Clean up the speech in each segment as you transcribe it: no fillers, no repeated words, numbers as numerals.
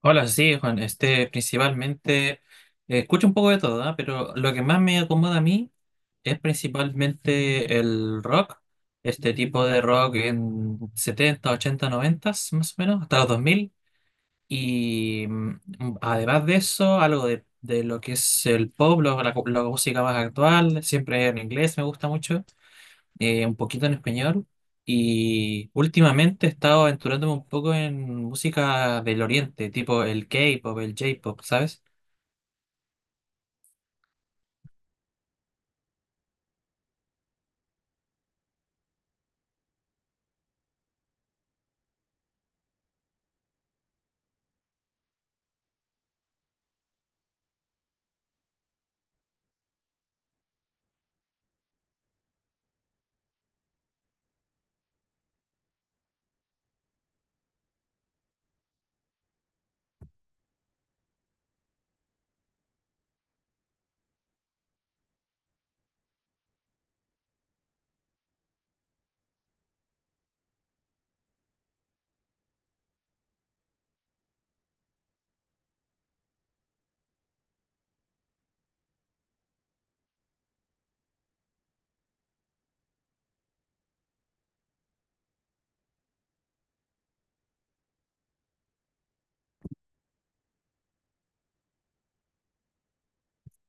Hola, sí, Juan. Principalmente, escucho un poco de todo, ¿ah? Pero lo que más me acomoda a mí es principalmente el rock, este tipo de rock en 70 80 90, más o menos, hasta los 2000. Y además de eso, algo de, lo que es el pop, la, música más actual, siempre en inglés me gusta mucho, un poquito en español. Y últimamente he estado aventurándome un poco en música del oriente, tipo el K-pop, el J-pop, ¿sabes?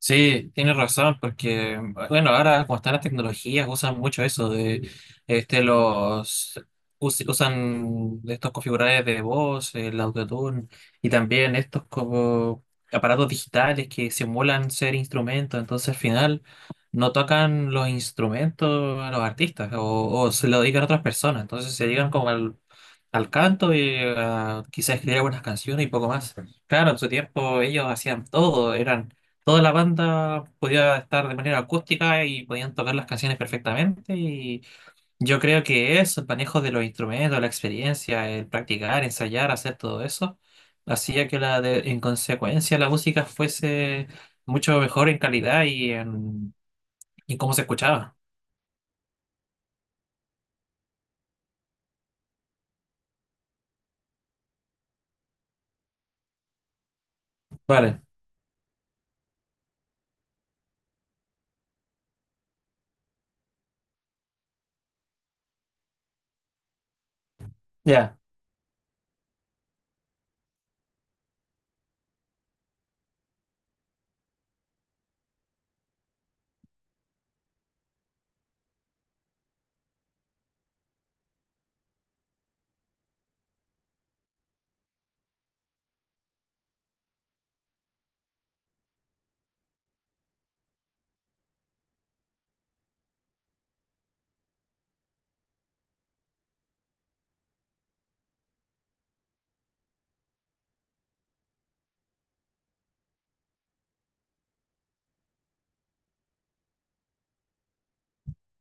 Sí, tienes razón, porque bueno, ahora como están las tecnologías, usan mucho eso de este los usan estos configuradores de voz, el autotune, y también estos como aparatos digitales que simulan ser instrumentos. Entonces, al final no tocan los instrumentos a los artistas, o, se lo dedican a otras personas. Entonces se dedican como al, canto y a quizás escribir algunas canciones y poco más. Claro, en su tiempo ellos hacían todo, eran toda la banda, podía estar de manera acústica y podían tocar las canciones perfectamente. Y yo creo que eso, el manejo de los instrumentos, la experiencia, el practicar, ensayar, hacer todo eso, hacía que en consecuencia la música fuese mucho mejor en calidad y cómo se escuchaba. Vale, ya.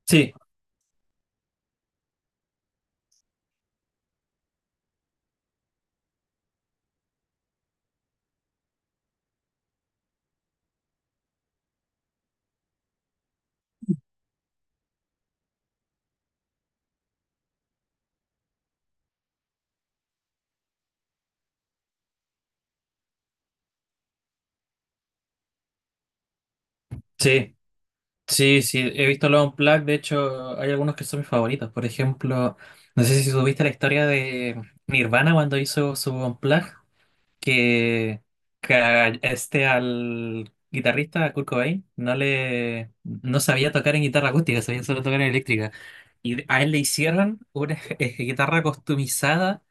Sí, sí. Sí, sí, he visto los Unplugged, de hecho hay algunos que son mis favoritos. Por ejemplo, no sé si tuviste la historia de Nirvana cuando hizo su Unplugged, que, a este al guitarrista, a Kurt Cobain, no sabía tocar en guitarra acústica, sabía solo tocar en eléctrica. Y a él le hicieron una guitarra customizada,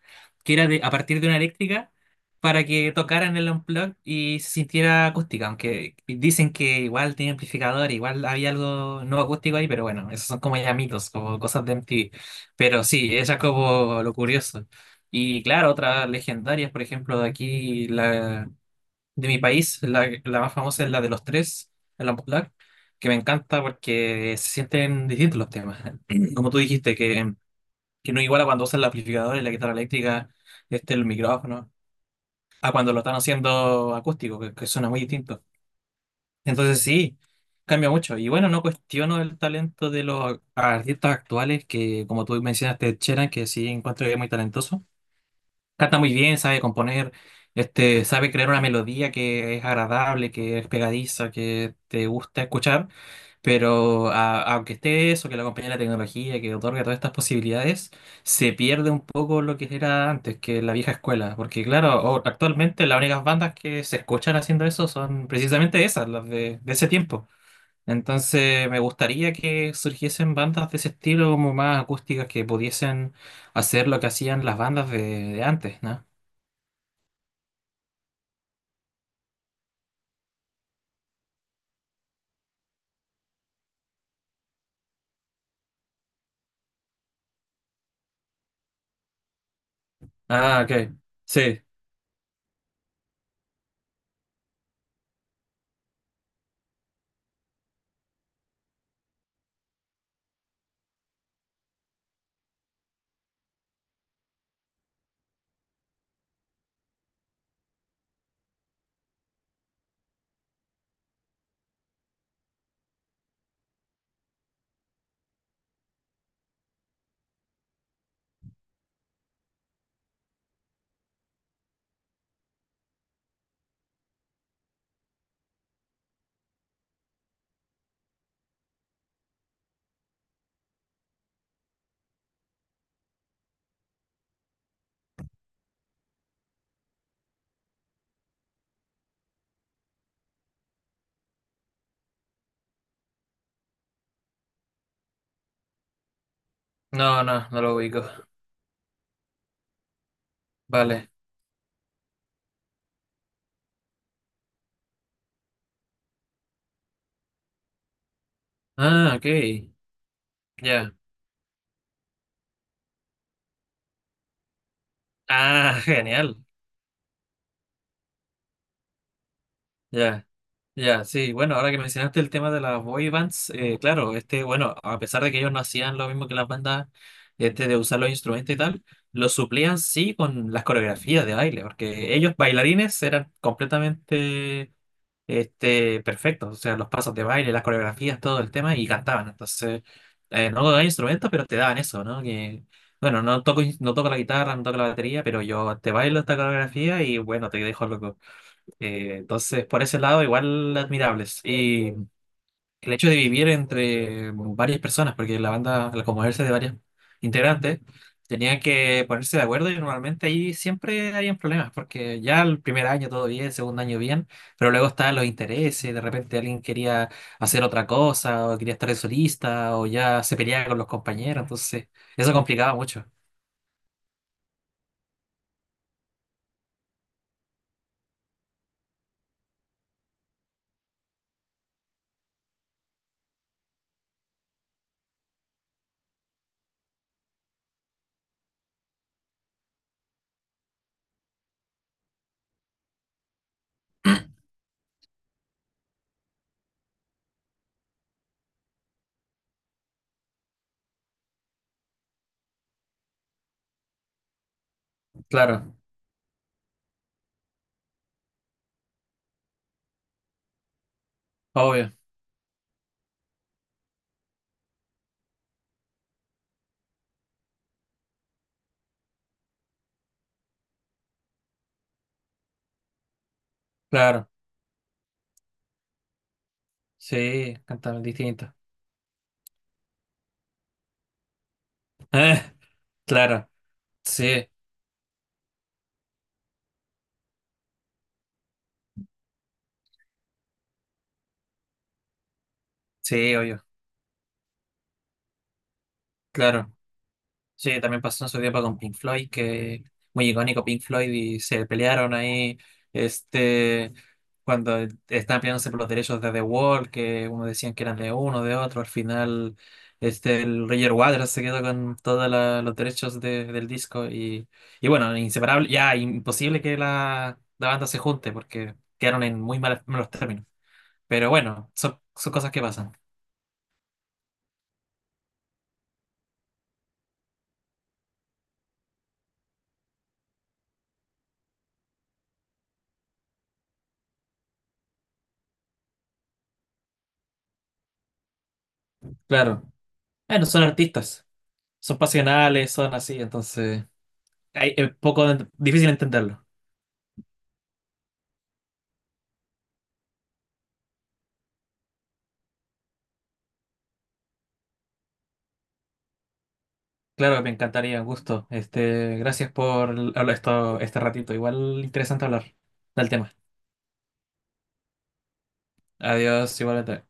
que era a partir de una eléctrica, para que tocara en el unplugged y se sintiera acústica, aunque dicen que igual tenía amplificador, igual había algo no acústico ahí, pero bueno, esos son como ya mitos, como cosas de MTV. Pero sí, eso es como lo curioso. Y claro, otras legendarias, por ejemplo, de aquí, de mi país, la, más famosa es la de los tres, el popular, que me encanta porque se sienten distintos los temas. Como tú dijiste, que, no iguala cuando usan el amplificador y la guitarra eléctrica, el micrófono, a cuando lo están haciendo acústico, que, suena muy distinto. Entonces sí, cambia mucho. Y bueno, no cuestiono el talento de los artistas actuales, que, como tú mencionaste, Cheran, que sí encuentro que es muy talentoso. Canta muy bien, sabe componer, sabe crear una melodía que es agradable, que es pegadiza, que te gusta escuchar, pero aunque esté eso, que lo acompañe la tecnología, que otorga todas estas posibilidades, se pierde un poco lo que era antes, que la vieja escuela, porque claro, actualmente las únicas bandas que se escuchan haciendo eso son precisamente esas, las de, ese tiempo. Entonces me gustaría que surgiesen bandas de ese estilo, como más acústicas, que pudiesen hacer lo que hacían las bandas de, antes, ¿no? Ah, ok. Sí. No, no, no lo ubico. Vale. Ah, ok. Ya. Ah, genial. Ya. Ya, sí, bueno, ahora que mencionaste el tema de las boy bands, claro, este, bueno, a pesar de que ellos no hacían lo mismo que las bandas, de usar los instrumentos y tal, lo suplían sí con las coreografías de baile, porque ellos bailarines eran completamente, perfectos, o sea, los pasos de baile, las coreografías, todo el tema, y cantaban. Entonces, no tocaba instrumentos, pero te daban eso, ¿no? Que, bueno, no toco, no toco la guitarra, no toco la batería, pero yo te bailo esta coreografía y bueno, te dejo loco. Entonces, por ese lado, igual admirables el hecho de vivir entre bueno, varias personas, porque la banda, al componerse de varios integrantes, tenían que ponerse de acuerdo y normalmente ahí siempre habían problemas, porque ya el primer año todo bien, el segundo año bien, pero luego estaban los intereses, de repente alguien quería hacer otra cosa, o quería estar de solista, o ya se peleaba con los compañeros, entonces eso complicaba mucho. Claro, obvio, claro, sí, cantaban distinto. Claro, sí, sí, obvio, claro. Sí, también pasó en su tiempo con Pink Floyd, que muy icónico Pink Floyd, y se pelearon ahí, este, cuando estaban peleándose por los derechos de The Wall, que uno decían que eran de uno, de otro, al final, el Roger Waters se quedó con todos los derechos del disco, y, bueno, inseparable, ya imposible que la, banda se junte, porque quedaron en muy malos, malos términos, pero bueno, son, cosas que pasan. Claro. Bueno, son artistas, son pasionales, son así, entonces. Ay, es poco difícil entenderlo. Claro, me encantaría, gusto. Gracias por hablar esto, este ratito. Igual interesante hablar del tema. Adiós, igualmente.